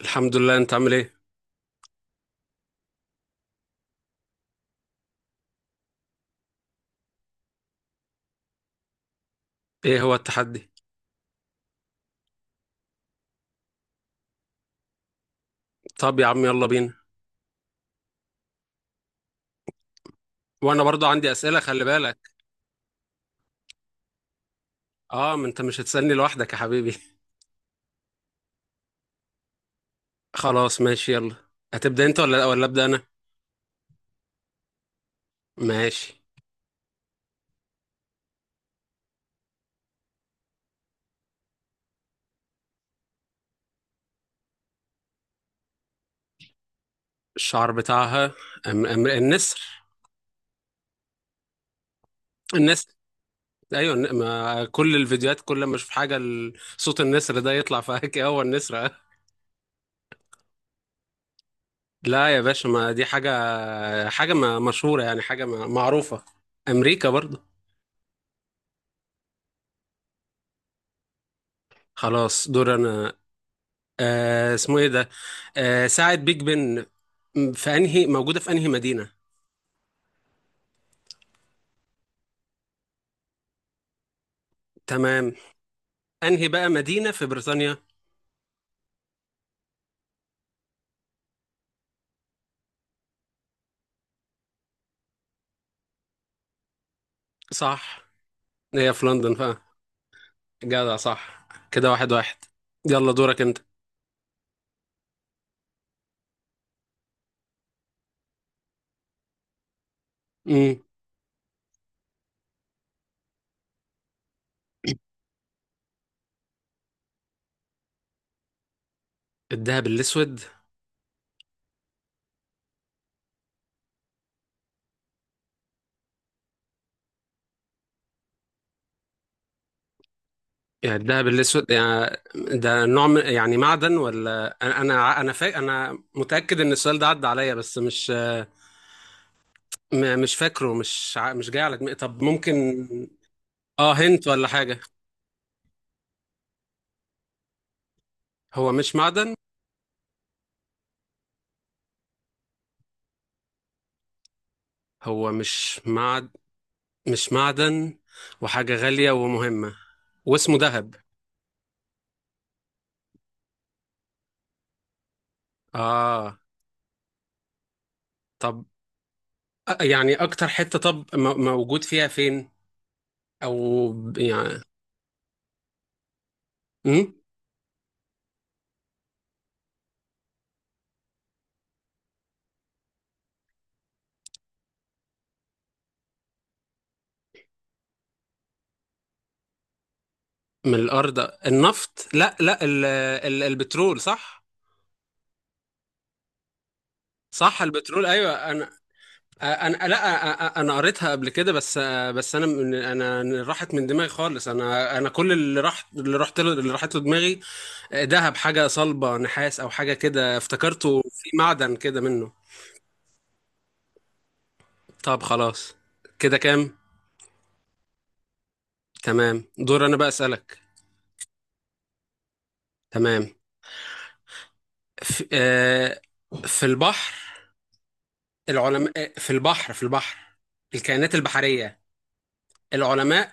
الحمد لله. انت عامل ايه؟ ايه هو التحدي؟ طب يا عم يلا بينا. وانا برضو عندي اسئله، خلي بالك. اه، ما انت مش هتسالني لوحدك يا حبيبي. خلاص ماشي يلا. هتبدا انت ولا ابدا انا؟ ماشي. الشعر بتاعها. أم أم النسر. النسر. ايوه ما كل الفيديوهات، كل ما اشوف حاجه صوت النسر ده يطلع في هكي. هو النسر اه. لا يا باشا، ما دي حاجه، حاجه ما مشهوره، يعني حاجه ما معروفه. امريكا برضو. خلاص دور انا. اسمه ايه ده؟ آه، ساعة بيج بن. في انهي موجودة، في انهي مدينة؟ تمام. انهي بقى مدينة في بريطانيا؟ صح. هي في لندن فا. جدع، صح. كده واحد واحد. يلا دورك انت. امم الدهب الاسود يعني؟ الدهب الاسود يعني يعني معدن؟ ولا انا انا متأكد ان السؤال ده عدى عليا بس مش، مش فاكره، مش جاي على دماغي. طب ممكن اه هنت ولا حاجة؟ هو مش معدن؟ هو مش معدن. مش معدن. وحاجة غالية ومهمة. واسمه ذهب؟ آه، طب، يعني أكتر حتة، طب موجود فيها فين، أو يعني. مم؟ من الأرض. النفط، لا لا، ال البترول، صح؟ صح البترول، أيوة أنا، أنا لا أ- أ- أنا قريتها قبل كده بس. بس أنا، من أنا راحت من دماغي خالص. أنا كل اللي راح، اللي رحت له، اللي راحت له دماغي، ذهب حاجة صلبة، نحاس أو حاجة كده، افتكرته في معدن كده منه. طب خلاص، كده كام؟ تمام دور انا بقى اسالك. تمام. في, آه في البحر، العلماء، في البحر، الكائنات البحريه، العلماء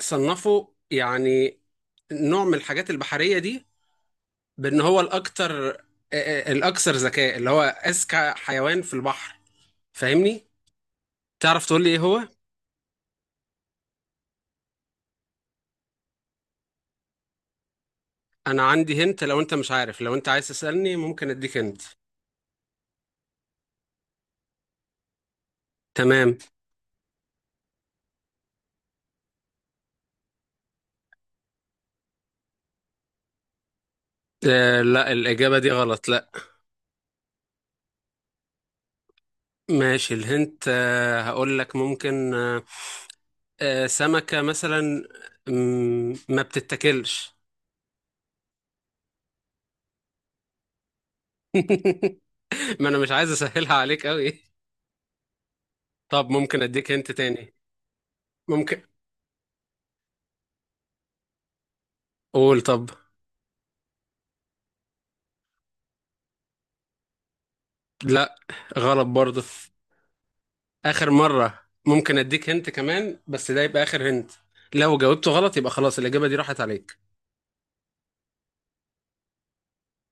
صنفوا يعني نوع من الحاجات البحريه دي بان هو الاكثر، الاكثر ذكاء، اللي هو اذكى حيوان في البحر، فاهمني؟ تعرف تقول لي ايه هو؟ انا عندي هنت، لو انت مش عارف، لو انت عايز تسالني ممكن اديك هنت. تمام. آه لا، الاجابه دي غلط، لا. ماشي، الهنت، هقول لك، ممكن سمكة مثلا، ما بتتاكلش. ما انا مش عايز اسهلها عليك قوي. طب ممكن اديك هنت تاني؟ ممكن، قول طب. لا، غلط برضه. اخر مرة ممكن اديك هنت كمان، بس ده يبقى اخر هنت. لو جاوبته غلط يبقى خلاص الاجابة دي راحت عليك.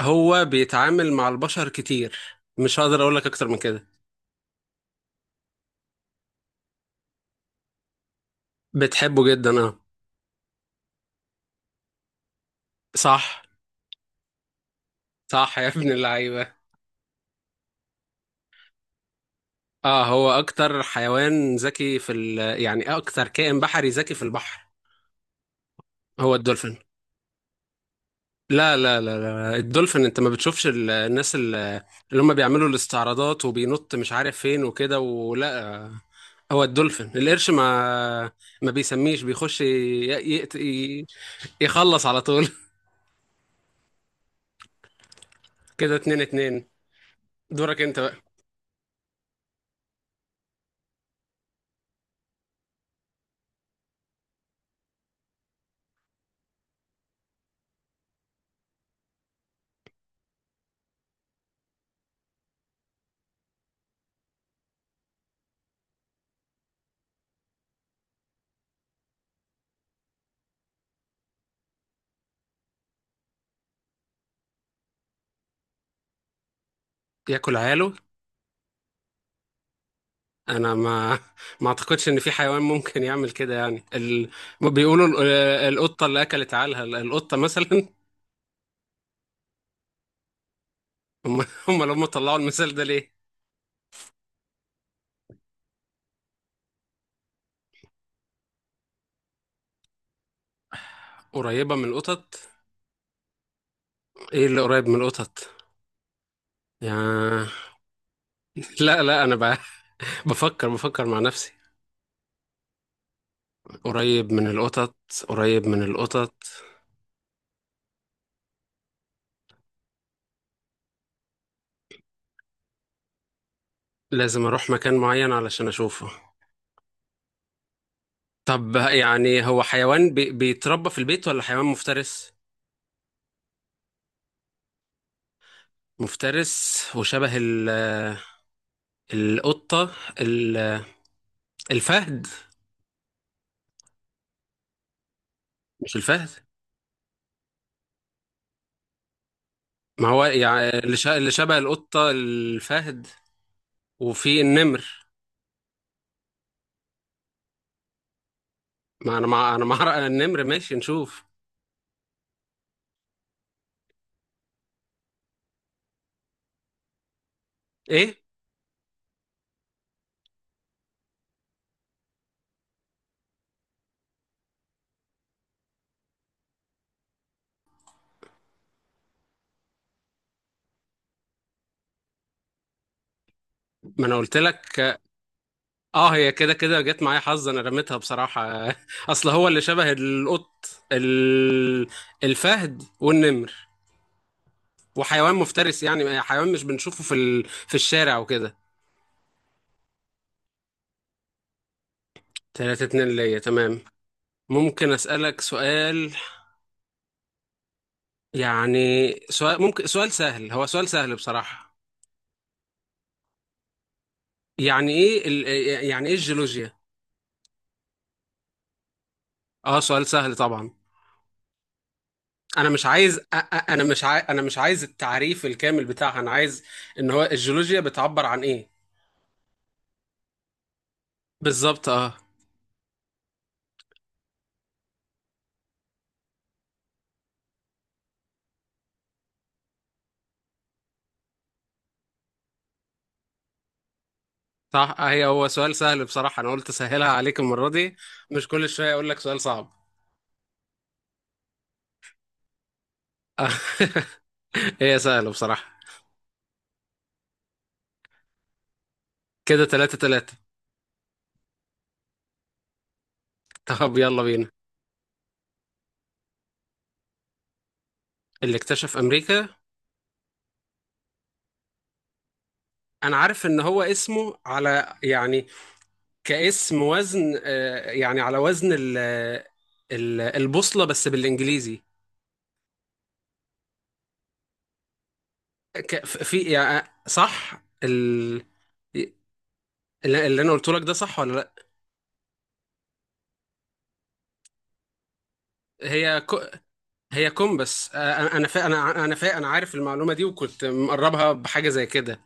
هو بيتعامل مع البشر كتير. مش هقدر اقول لك اكتر من كده. بتحبه جدا اه. صح. صح يا ابن اللعيبة. اه هو اكتر حيوان ذكي في يعني اكتر كائن بحري ذكي في البحر. هو الدولفين. لا لا لا لا، الدولفين، انت ما بتشوفش الناس اللي هم بيعملوا الاستعراضات وبينط مش عارف فين وكده؟ ولا هو الدولفين. القرش ما ما بيسميش بيخش ي... ي... يخلص على طول. كده اتنين اتنين. دورك انت بقى. ياكل عياله؟ انا ما ما اعتقدش ان في حيوان ممكن يعمل كده، يعني بيقولوا القطه اللي اكلت عالها، القطه مثلا. هم هم لما طلعوا المثال ده ليه. قريبه من القطط. ايه اللي قريب من القطط؟ يا، لا لا انا بفكر، مع نفسي. قريب من القطط. قريب من القطط. لازم اروح مكان معين علشان اشوفه؟ طب يعني هو حيوان بيتربى في البيت، ولا حيوان مفترس؟ مفترس وشبه ال... آه، القطة، ال... الفهد؟ مش الفهد؟ ما هو يعني اللي شبه القطة الفهد، وفي النمر. ما انا مع، النمر، ماشي نشوف. ايه؟ ما انا قلت لك. اه هي كده كده جت معايا حظ، انا رميتها بصراحة. اصل هو اللي شبه القط، ال... الفهد والنمر، وحيوان مفترس، يعني حيوان مش بنشوفه في في الشارع وكده. تلاتة اتنين ليا، تمام. ممكن اسألك سؤال؟ يعني سؤال، ممكن سؤال سهل، هو سؤال سهل بصراحة. يعني ايه يعني ايه الجيولوجيا؟ اه سؤال سهل طبعا. انا مش عايز انا مش عايز التعريف الكامل بتاعها، انا عايز ان هو الجيولوجيا بتعبر عن ايه بالظبط، اه. صح، هي هو سؤال سهل بصراحة، انا قلت اسهلها عليك المرة دي. مش كل شوية اقول لك سؤال صعب. آه. هي سهلة بصراحة. كده تلاتة تلاتة. طب يلا بينا. اللي اكتشف امريكا، انا عارف ان هو اسمه على، يعني كاسم وزن، يعني على وزن البوصلة بس بالانجليزي، في، يعني صح اللي انا قلته لك ده، صح ولا لا؟ هي كو، هي كومبس، انا انا فا انا عارف المعلومة دي وكنت مقربها بحاجة زي كده.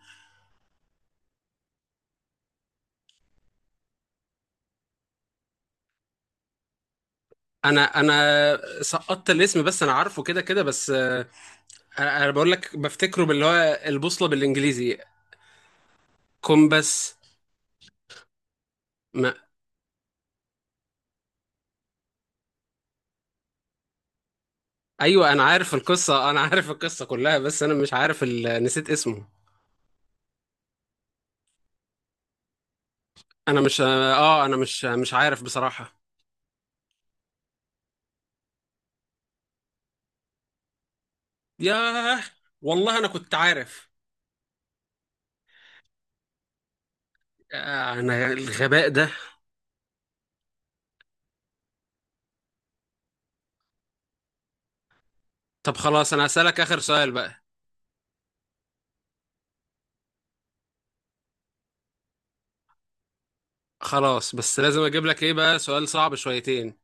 انا سقطت الاسم، بس انا عارفه كده كده، بس انا، أنا بقول لك بفتكره باللي هو البوصلة بالانجليزي، كومبس. ايوه انا عارف القصه، انا عارف القصه كلها، بس انا مش عارف نسيت اسمه. انا مش اه، انا مش عارف بصراحه. ياه، والله انا كنت عارف. آه، انا الغباء ده. طب خلاص انا هسألك اخر سؤال بقى. خلاص، بس لازم اجيب لك ايه بقى، سؤال صعب شويتين.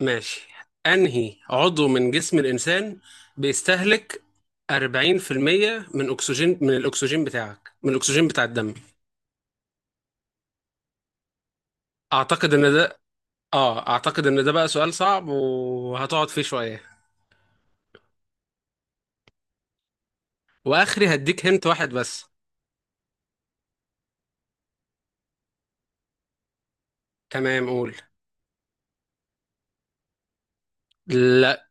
ماشي. انهي عضو من جسم الانسان بيستهلك 40% من اكسجين، من الاكسجين بتاعك، من الاكسجين بتاع الدم؟ اعتقد ان ده، اه، اعتقد ان ده بقى سؤال صعب وهتقعد فيه شوية. واخري هديك هنت واحد بس. تمام، قول. لا،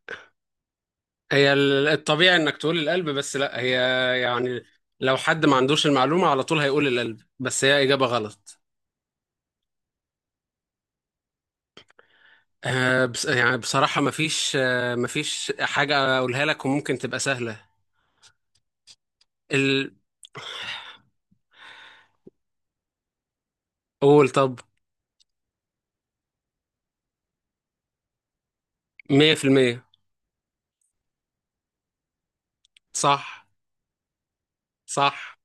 هي الطبيعي انك تقول القلب، بس لا، هي يعني لو حد ما عندوش المعلومة على طول هيقول القلب، بس هي اجابة غلط. آه بس يعني بصراحة مفيش، آه مفيش حاجة اقولها لك وممكن تبقى سهلة، ال... قول طب. مية في المية. صح. صح.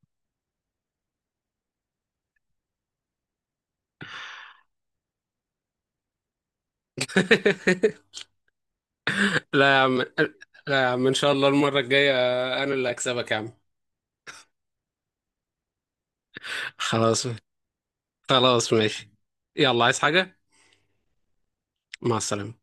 لا يا عم، لا يا عم ان شاء الله المرة الجاية انا اللي هكسبك يا عم. خلاص. خلاص ماشي. يلا عايز حاجة؟ مع السلامة.